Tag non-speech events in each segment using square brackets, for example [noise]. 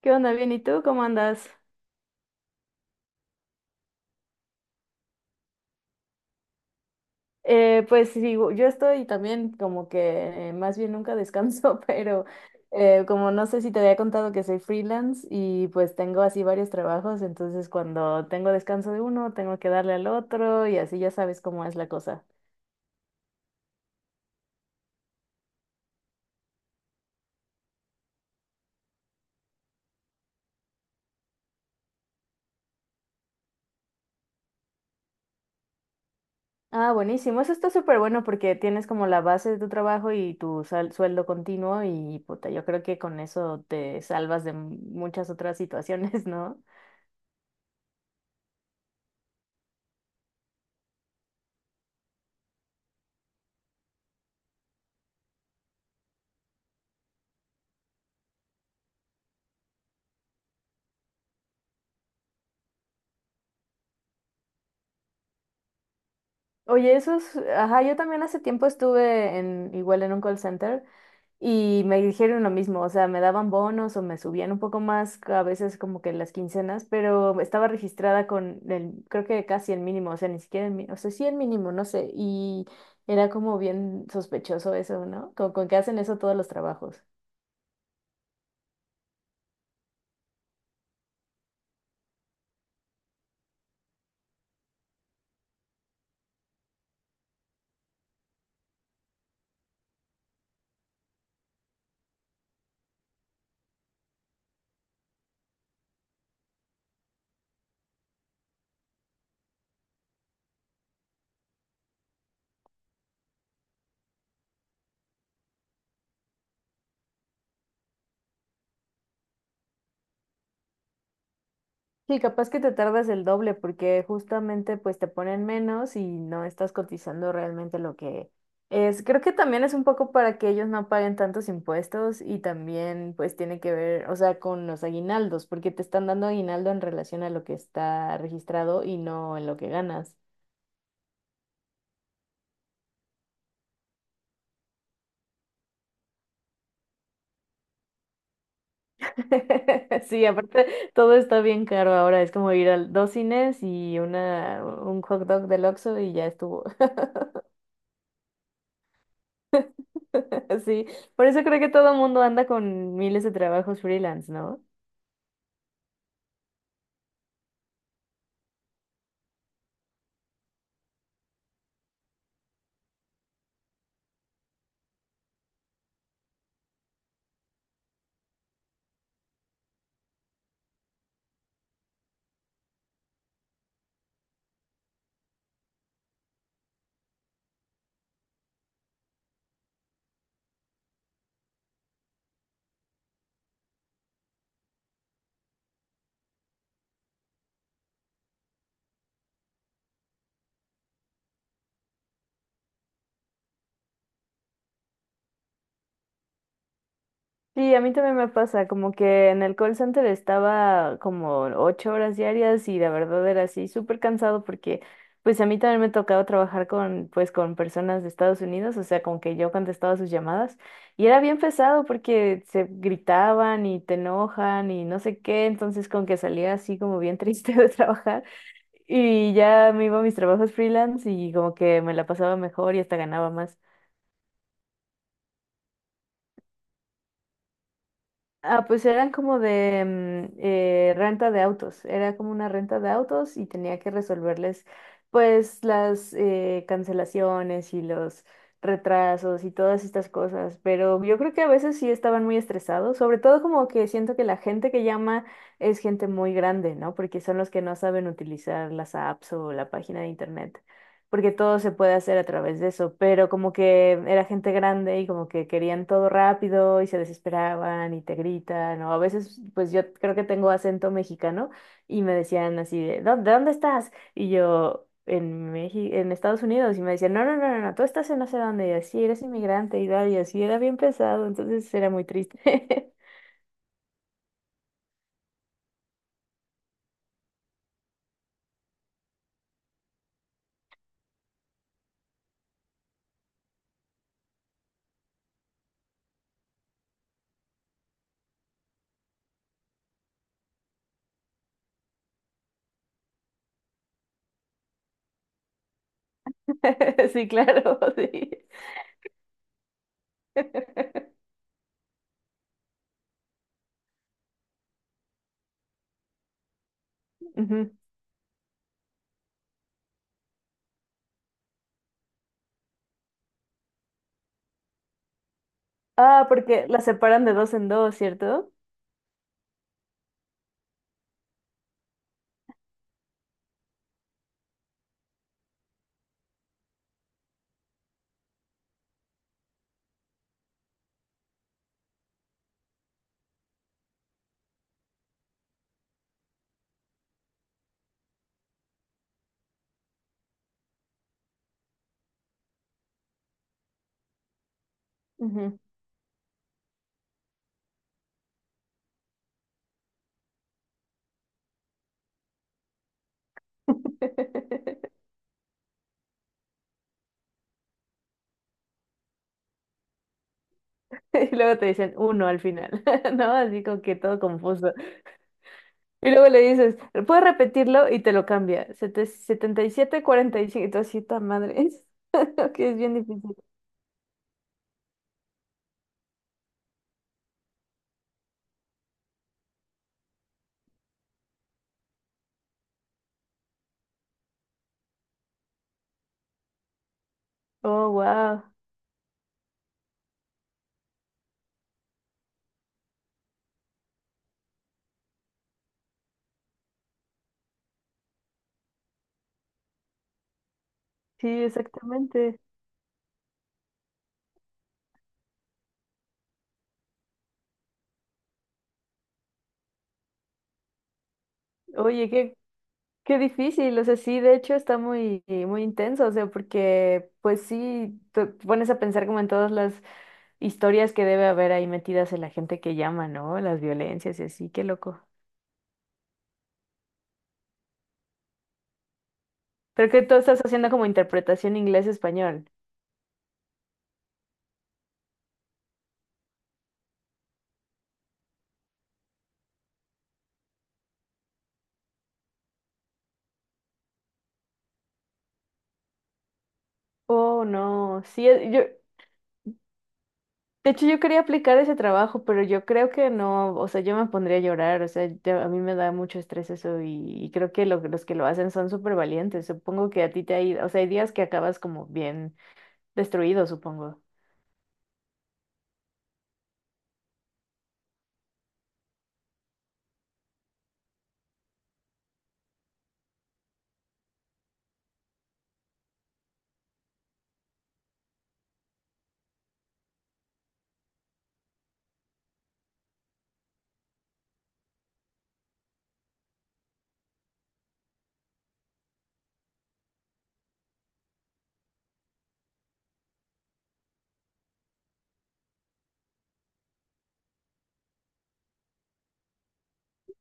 ¿Qué onda? Bien, ¿y tú cómo andas? Pues sí, yo estoy también como que más bien nunca descanso, [laughs] pero como no sé si te había contado que soy freelance y pues tengo así varios trabajos, entonces cuando tengo descanso de uno, tengo que darle al otro y así ya sabes cómo es la cosa. Ah, buenísimo, eso está súper bueno porque tienes como la base de tu trabajo y tu sueldo continuo y puta, yo creo que con eso te salvas de muchas otras situaciones, [laughs] ¿no? Oye, eso es, ajá, yo también hace tiempo estuve en, igual en un call center y me dijeron lo mismo, o sea, me daban bonos o me subían un poco más, a veces como que las quincenas, pero estaba registrada con el, creo que casi el mínimo, o sea, ni siquiera el mínimo, o sea, sí el mínimo, no sé, y era como bien sospechoso eso, ¿no? Con que hacen eso todos los trabajos. Sí, capaz que te tardas el doble porque justamente pues te ponen menos y no estás cotizando realmente lo que es. Creo que también es un poco para que ellos no paguen tantos impuestos y también pues tiene que ver, o sea, con los aguinaldos, porque te están dando aguinaldo en relación a lo que está registrado y no en lo que ganas. [laughs] Sí, aparte todo está bien caro ahora, es como ir al dos cines y una, un hot dog del Oxxo y ya estuvo. [laughs] Sí, por eso creo que todo el mundo anda con miles de trabajos freelance, ¿no? Sí, a mí también me pasa, como que en el call center estaba como ocho horas diarias y la verdad era así súper cansado porque pues a mí también me tocaba trabajar con pues con personas de Estados Unidos, o sea, como que yo contestaba sus llamadas y era bien pesado porque se gritaban y te enojan y no sé qué, entonces con que salía así como bien triste [laughs] de trabajar. Y ya me iba a mis trabajos freelance y como que me la pasaba mejor y hasta ganaba más. Ah, pues eran como de renta de autos, era como una renta de autos y tenía que resolverles pues las cancelaciones y los retrasos y todas estas cosas, pero yo creo que a veces sí estaban muy estresados, sobre todo como que siento que la gente que llama es gente muy grande, ¿no? Porque son los que no saben utilizar las apps o la página de internet porque todo se puede hacer a través de eso, pero como que era gente grande y como que querían todo rápido y se desesperaban y te gritan, o a veces pues yo creo que tengo acento mexicano y me decían así de, "¿Dó- ¿de dónde estás?" Y yo, "En México, en Estados Unidos", y me decían, No, no, no, no, no, tú estás en no sé dónde", y así, "eres inmigrante" y tal, y así era bien pesado, entonces era muy triste. [laughs] Sí, claro, [laughs] sí. [laughs] Ujú. Ah, porque la separan de dos en dos, ¿cierto? Ujú. [laughs] [laughs] Y luego te dicen uno al final, [laughs] ¿no? Así como que todo confuso. Y luego le dices, "¿puedes repetirlo?" Y te lo cambia. Sete- 77, 45. Y cinco. Y tú así, "Ta madre." [laughs] Que es bien difícil. Oh, wow. Sí, exactamente. Oye, qué difícil. O sea, sí, de hecho está muy intenso. O sea, porque, pues sí, te pones a pensar como en todas las historias que debe haber ahí metidas en la gente que llama, ¿no? Las violencias y así, qué loco. Pero que tú estás haciendo como interpretación inglés-español. Oh, no, sí, de hecho yo quería aplicar ese trabajo, pero yo creo que no, o sea, yo me pondría a llorar, o sea, a mí me da mucho estrés eso y creo que los que lo hacen son súper valientes, supongo que a ti te ha ido, o sea, hay días que acabas como bien destruido, supongo.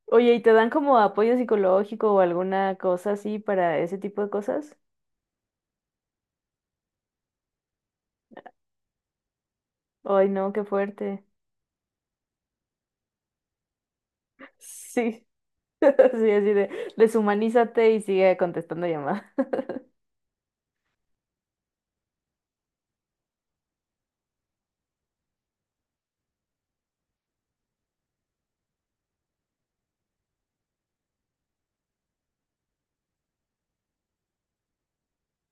Oye, ¿y te dan como apoyo psicológico o alguna cosa así para ese tipo de cosas? Ay, no, qué fuerte. Sí, [laughs] sí, así de deshumanízate y sigue contestando llamadas.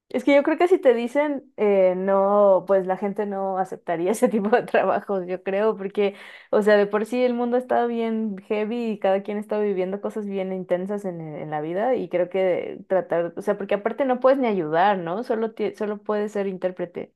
Es que yo creo que si te dicen no, pues la gente no aceptaría [laughs] ese tipo de trabajos, yo creo, porque, o sea, de por sí el mundo está bien heavy y cada quien está viviendo cosas bien intensas en, en la vida y creo que tratar, o sea, porque aparte no puedes ni ayudar, ¿no? Solo, solo puedes ser intérprete.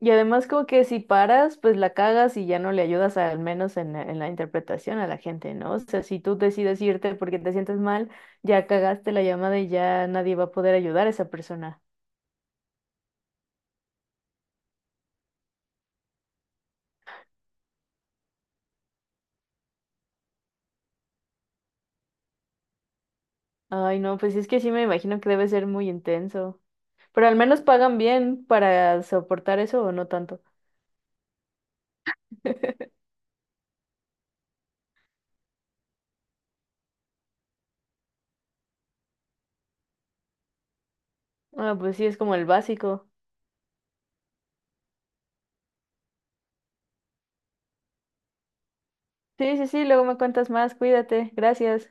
Y además como que si paras, pues la cagas y ya no le ayudas al menos en la interpretación a la gente, ¿no? O sea, si tú decides irte porque te sientes mal, ya cagaste la llamada y ya nadie va a poder ayudar a esa persona. Ay, no, pues es que sí me imagino que debe ser muy intenso. Pero al menos pagan bien para soportar eso o no tanto. [laughs] Ah, pues sí, es como el básico. Sí, sí, sí, luego me cuentas más, cuídate, gracias.